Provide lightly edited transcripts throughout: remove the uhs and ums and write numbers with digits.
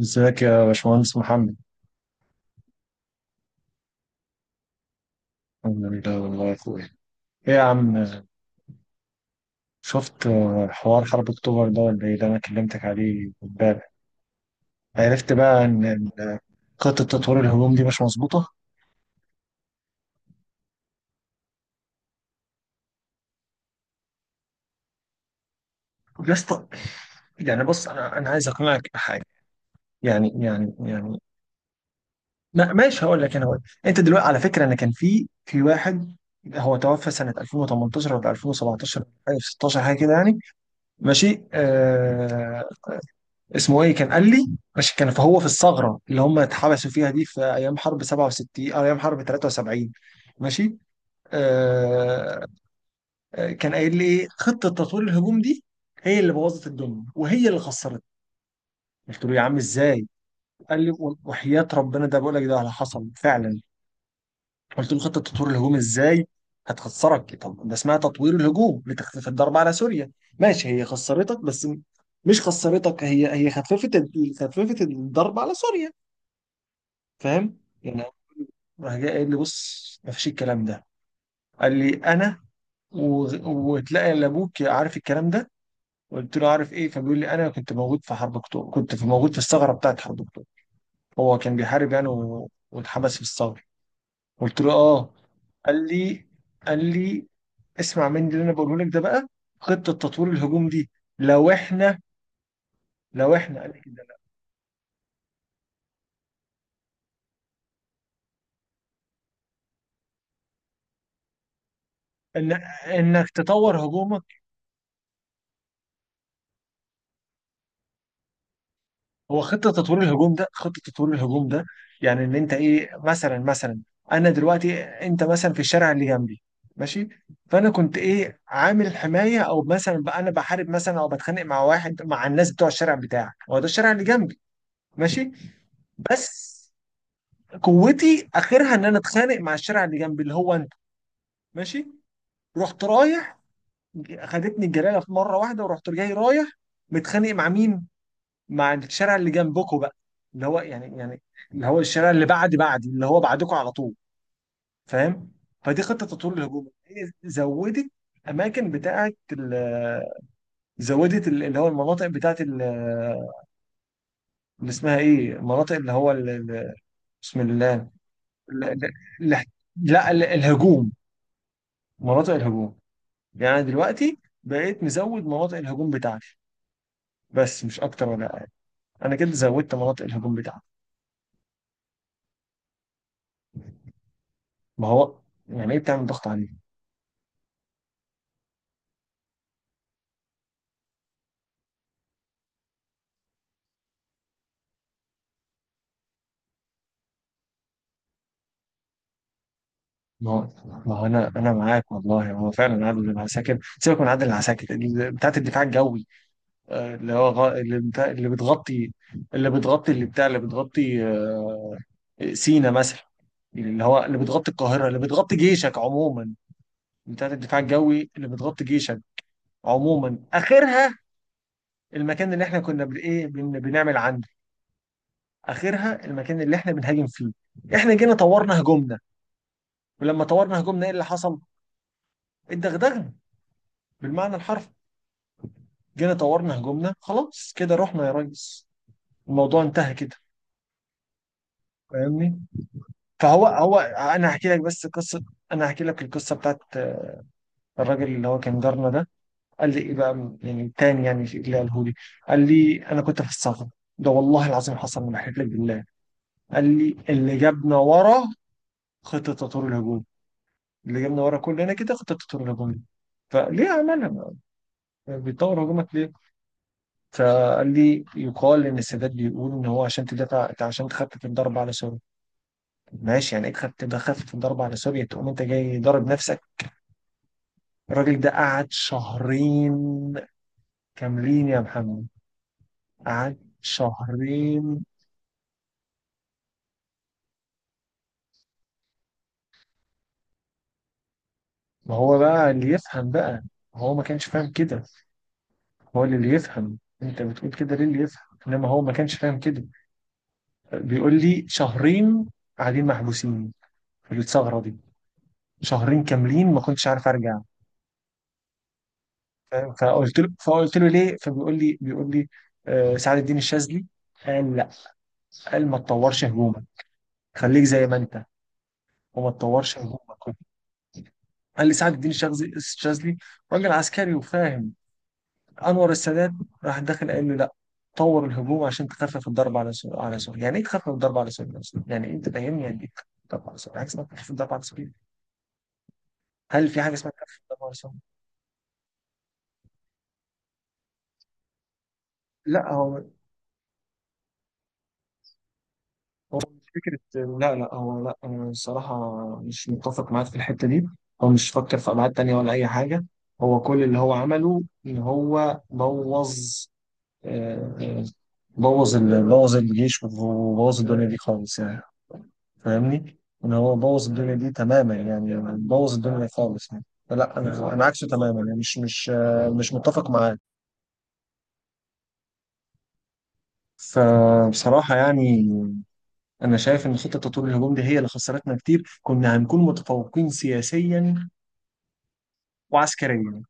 ازيك يا باشمهندس محمد. الحمد لله والله يا اخويا. ايه يا عم، شفت حوار حرب اكتوبر ده ولا ايه ده؟ انا كلمتك عليه امبارح. عرفت بقى ان خطه تطوير الهجوم دي مش مظبوطه. يا اسطى، يعني بص، انا عايز اقنعك بحاجه يعني يعني. ما ماشي، هقول لك، انا هقول. انت دلوقتي على فكره، انا كان في واحد، هو توفى سنه 2018 ولا 2017 حاجه 16 حاجه كده يعني، ماشي آه، اسمه ايه كان قال لي، عشان كان فهو في الثغره اللي هم اتحبسوا فيها دي في ايام حرب 67 او ايام حرب 73. ماشي آه. كان قايل لي ايه خطه تطوير الهجوم دي، هي اللي بوظت الدنيا وهي اللي خسرت. قلت له يا عم ازاي، قال لي وحياة ربنا ده، بقول لك ده اللي حصل فعلا. قلت له خطه تطوير الهجوم ازاي هتخسرك؟ طب ده اسمها تطوير الهجوم لتخفيف الضرب على سوريا. ماشي، هي خسرتك بس مش خسرتك، هي خففت خففت الضرب على سوريا. فاهم يعني. راح جاي قايل لي بص، ما فيش الكلام ده. قال لي انا و... وتلاقي إلا ابوك عارف الكلام ده. قلت له عارف ايه، فبيقول لي انا كنت موجود في حرب اكتوبر، كنت في موجود في الثغره بتاعت حرب اكتوبر، هو كان بيحارب يعني واتحبس في الثغره. قلت له اه. قال لي قال لي اسمع مني اللي انا بقوله لك ده بقى. خطه تطوير الهجوم دي لو احنا، لو احنا قال لي كده، إن... انك تطور هجومك. هو خطة تطوير الهجوم ده، خطة تطوير الهجوم ده يعني ان انت ايه، مثلا مثلا، انا دلوقتي انت مثلا في الشارع اللي جنبي، ماشي، فانا كنت ايه عامل حماية، او مثلا بقى انا بحارب مثلا او بتخانق مع واحد، مع الناس بتوع الشارع بتاعك، هو ده الشارع اللي جنبي. ماشي، بس قوتي اخرها ان انا اتخانق مع الشارع اللي جنبي اللي هو انت. ماشي، رحت رايح، خدتني الجلاله في مره واحده ورحت جاي رايح، متخانق مع مين؟ مع الشارع اللي جنبكم بقى، اللي هو يعني يعني، اللي هو الشارع اللي بعد بعدي اللي هو بعدكم على طول، فاهم. فدي خطه تطوير الهجوم، هي زودت اماكن بتاعه زودت اللي هو المناطق بتاعه اللي اسمها ايه، المناطق اللي هو ال- بسم الله، ال- ال- ال- لا، الهجوم، مناطق الهجوم. يعني دلوقتي بقيت مزود مناطق الهجوم بتاعتي، بس مش اكتر ولا اقل. انا كده زودت مناطق الهجوم بتاعتي. ما هو، يعني ايه بتعمل ضغط عليه؟ ما هو، ما هو انا معاك والله، هو فعلا عادل العساكر، سيبك من عادل العساكر، بتاعت الدفاع الجوي، اللي هو اللي بتغطي، اللي بتغطي اللي بتاع اللي بتغطي، سينا مثلا، اللي هو اللي بتغطي القاهره، اللي بتغطي جيشك عموما، بتاعت الدفاع الجوي اللي بتغطي جيشك عموما، اخرها المكان اللي احنا كنا ايه بنعمل عنده، اخرها المكان اللي احنا بنهاجم فيه. احنا جينا طورنا هجومنا، ولما طورنا هجومنا ايه اللي حصل؟ اتدغدغنا، بالمعنى الحرفي. جينا طورنا هجومنا، خلاص كده رحنا يا ريس، الموضوع انتهى كده، فاهمني. فهو انا هحكي لك بس قصه، انا هحكي لك القصه بتاعت الراجل اللي هو كان جارنا ده. قال لي ايه بقى يعني تاني يعني اللي قاله لي، قال لي انا كنت في الصف ده، والله العظيم حصل، ما بحلف لك بالله. قال لي اللي جابنا ورا خطه تطور الهجوم، اللي جابنا ورا كلنا كده خطه تطور الهجوم دي، فليه عملها؟ بيطور هجومك ليه؟ فقال لي يقال ان السادات بيقول ان هو عشان تدافع، عشان تخفف الضرب على، ماشي يعني، اكسب تبقى، خفف الضرب على سوريا تقوم انت جاي ضارب نفسك. الراجل ده قعد شهرين كاملين يا محمد، قعد شهرين. ما هو بقى اللي يفهم بقى، هو ما كانش فاهم كده. هو اللي يفهم، انت بتقول كده ليه؟ اللي يفهم، انما هو ما كانش فاهم كده. بيقول لي شهرين قاعدين محبوسين في الثغره دي، شهرين كاملين ما كنتش عارف ارجع، فاهم؟ فقلت له ليه؟ فبيقول لي، بيقول لي سعد الدين الشاذلي قال لا، قال ما تطورش هجوم، خليك زي ما انت وما تطورش هجومك. قال لي سعد الدين الشاذلي راجل عسكري وفاهم. انور السادات راح داخل قال له لا، طور الهجوم عشان تخفف الضرب على سوريا، على سوريا. يعني ايه تخفف الضرب على سوريا أصلاً؟ يعني إيه انت، فاهمني؟ يعني ايه تخفف الضرب على سوريا، حاجه اسمها تخفف الضرب على سوريا؟ هل في حاجه اسمها تخفف الضرب على سوريا؟ لا هو، هو مش فكره، لا لا هو لا انا الصراحه مش متفق معاك في الحته دي. هو مش فكر في ابعاد تانيه ولا اي حاجه، هو كل اللي هو عمله ان هو بوظ، آه، بوظ بوظ الجيش وبوظ الدنيا دي خالص يعني، فاهمني. ان هو بوظ الدنيا دي تماما يعني، بوظ الدنيا خالص يعني، فلا انا عكسه تماما يعني، مش متفق معاه. فبصراحة يعني، أنا شايف إن خطة تطوير الهجوم دي هي اللي خسرتنا كتير، كنا هنكون متفوقين سياسيا وعسكريا.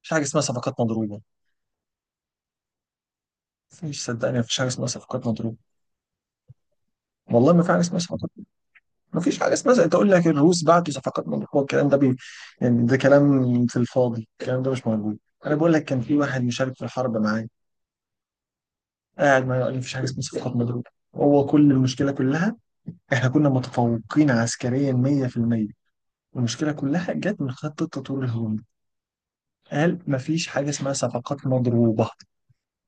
مفيش حاجة اسمها صفقات مضروبة. مفيش صدقني، مفيش حاجة اسمها صفقات مضروبة، والله ما في حاجة اسمها صفقات. ما فيش حاجه اسمها زي انت تقول لك الروس بعتوا صفقات، من هو الكلام ده بي، يعني ده كلام في الفاضي، الكلام ده مش موجود. انا بقول لك كان في واحد مشارك في الحرب معايا، قاعد معايا قال مفيش حاجه اسمها صفقات مضروبه، هو كل المشكله كلها، احنا كنا متفوقين عسكريا 100%، المشكله كلها جت من خط التطوير الهجومي. قال مفيش حاجه اسمها صفقات مضروبه،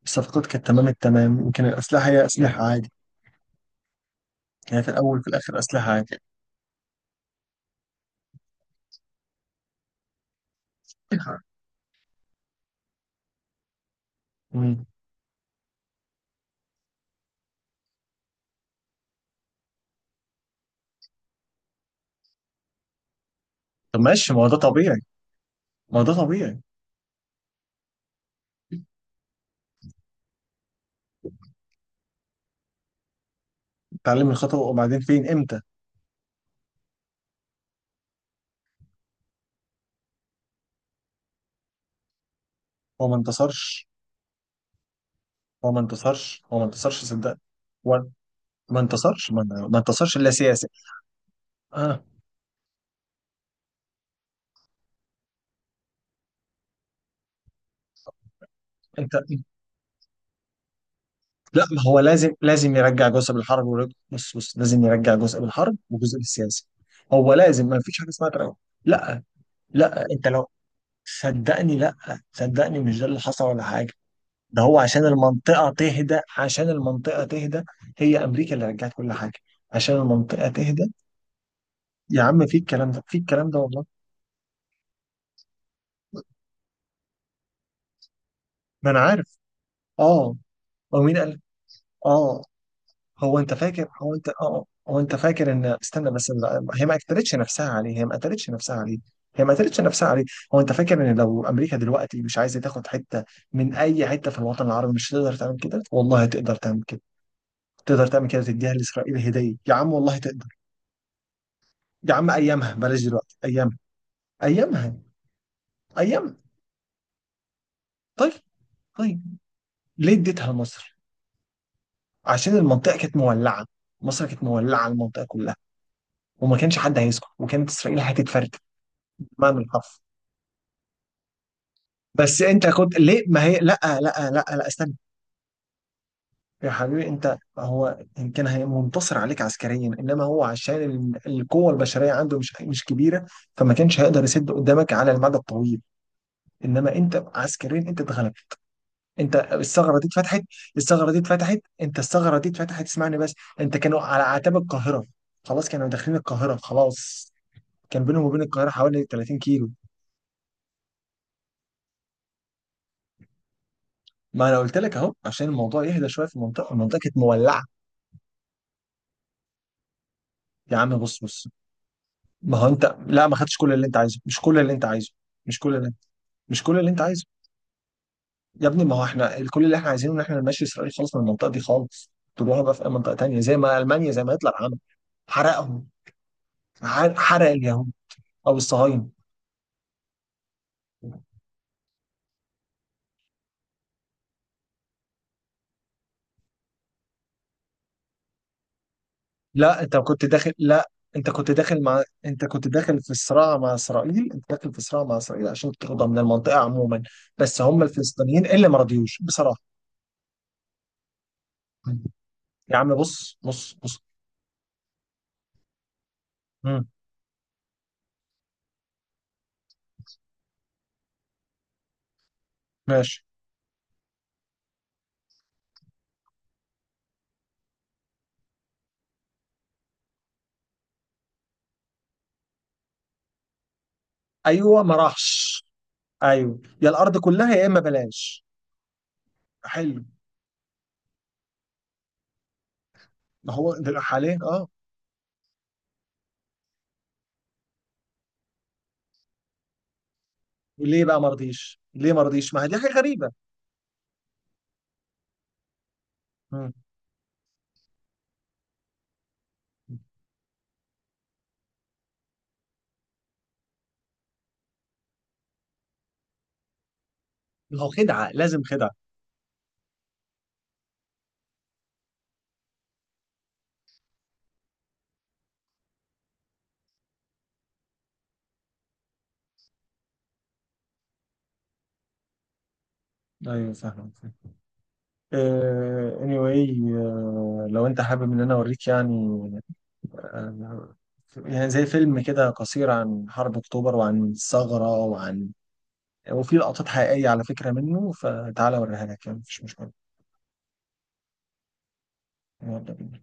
الصفقات كانت تمام التمام، وكان الاسلحه هي اسلحه عادي، يعني في الاول وفي الاخر اسلحه عادي. مم. طب ماشي، ما هو ده طبيعي. ما هو ده طبيعي اتعلم الخطأ وبعدين، فين، امتى؟ هو ما انتصرش، هو ما انتصرش هو ما انتصرش صدقني. هو ما انتصرش ما انتصرش الا سياسي. اه. انت، لا ما هو لازم، لازم يرجع جزء بالحرب ورج- بص بص لازم يرجع جزء بالحرب وجزء بالسياسي. هو لازم، ما فيش حاجه اسمها تراجع. لا لا، انت لو، صدقني لا، صدقني مش ده اللي حصل ولا حاجه. ده هو عشان المنطقه تهدى، عشان المنطقه تهدى، هي امريكا اللي رجعت كل حاجه عشان المنطقه تهدى. يا عم في الكلام ده، في الكلام ده والله. ما انا عارف، اه، هو مين قال، اه، هو انت فاكر، هو انت اه، هو انت فاكر ان، استنى بس، هي ما قتلتش نفسها عليه، هي ما قتلتش نفسها عليه هي ما قتلتش نفسها عليه. هو انت فاكر ان لو امريكا دلوقتي مش عايزه تاخد حته من اي حته في الوطن العربي مش تقدر تعمل كده؟ والله تقدر تعمل كده، تقدر تعمل كده تديها لاسرائيل هديه يا عم والله تقدر. يا عم ايامها، بلاش دلوقتي، ايامها ايامها. طيب طيب، ليه اديتها لمصر؟ عشان المنطقه كانت مولعه، مصر كانت مولعه، المنطقه كلها، وما كانش حد هيسكت، وكانت اسرائيل هتتفرد، بمعنى الحرفي. بس انت كنت ليه، ما هي لا لا استنى، يا حبيبي انت هو ان كان منتصر عليك عسكريا، انما هو عشان القوه البشريه عنده مش كبيره، فما كانش هيقدر يسد قدامك على المدى الطويل، انما انت عسكريا انت اتغلبت، انت الثغره دي اتفتحت، الثغره دي اتفتحت انت الثغره دي اتفتحت اسمعني بس. انت كانوا على اعتاب القاهره، خلاص كانوا داخلين القاهره، خلاص كان بينهم وبين القاهره حوالي 30 كيلو. ما انا قلت لك اهو عشان الموضوع يهدى شويه في المنطقه، المنطقه كانت مولعه. يا عم بص، ما هو انت، لا ما خدتش كل اللي انت عايزه، مش كل اللي انت عايزه، مش كل اللي مش كل اللي انت عايزه. يا ابني، ما هو احنا كل اللي احنا عايزينه ان احنا نمشي اسرائيل خالص من المنطقه دي خالص، تروحوا بقى في اي منطقه تانيه زي ما المانيا، زي ما هتلر عمل، حرقهم، حرق اليهود او الصهاينه. لا انت كنت داخل، لا انت كنت داخل في صراع مع اسرائيل، انت داخل في صراع مع اسرائيل عشان تاخدها من المنطقه عموما، بس هم الفلسطينيين اللي ما رضيوش بصراحه. يا عم بص. مم. ماشي. ايوه ما راحش، ايوه، يا الارض كلها يا اما بلاش. حلو، ما هو ده حاليا اه. ليه بقى ما رضيش؟ ليه ما رضيش؟ ما هي دي حاجه غريبه. مم. ما هو خدعه، لازم خدعه. ايوه فاهم، فاهم. آه anyway، آه لو انت حابب ان انا اوريك يعني، آه، يعني زي فيلم كده قصير عن حرب اكتوبر وعن الثغره وعن، وفي لقطات حقيقيه على فكره منه، فتعالى اوريها لك يعني، مفيش مشكله. يلا بينا.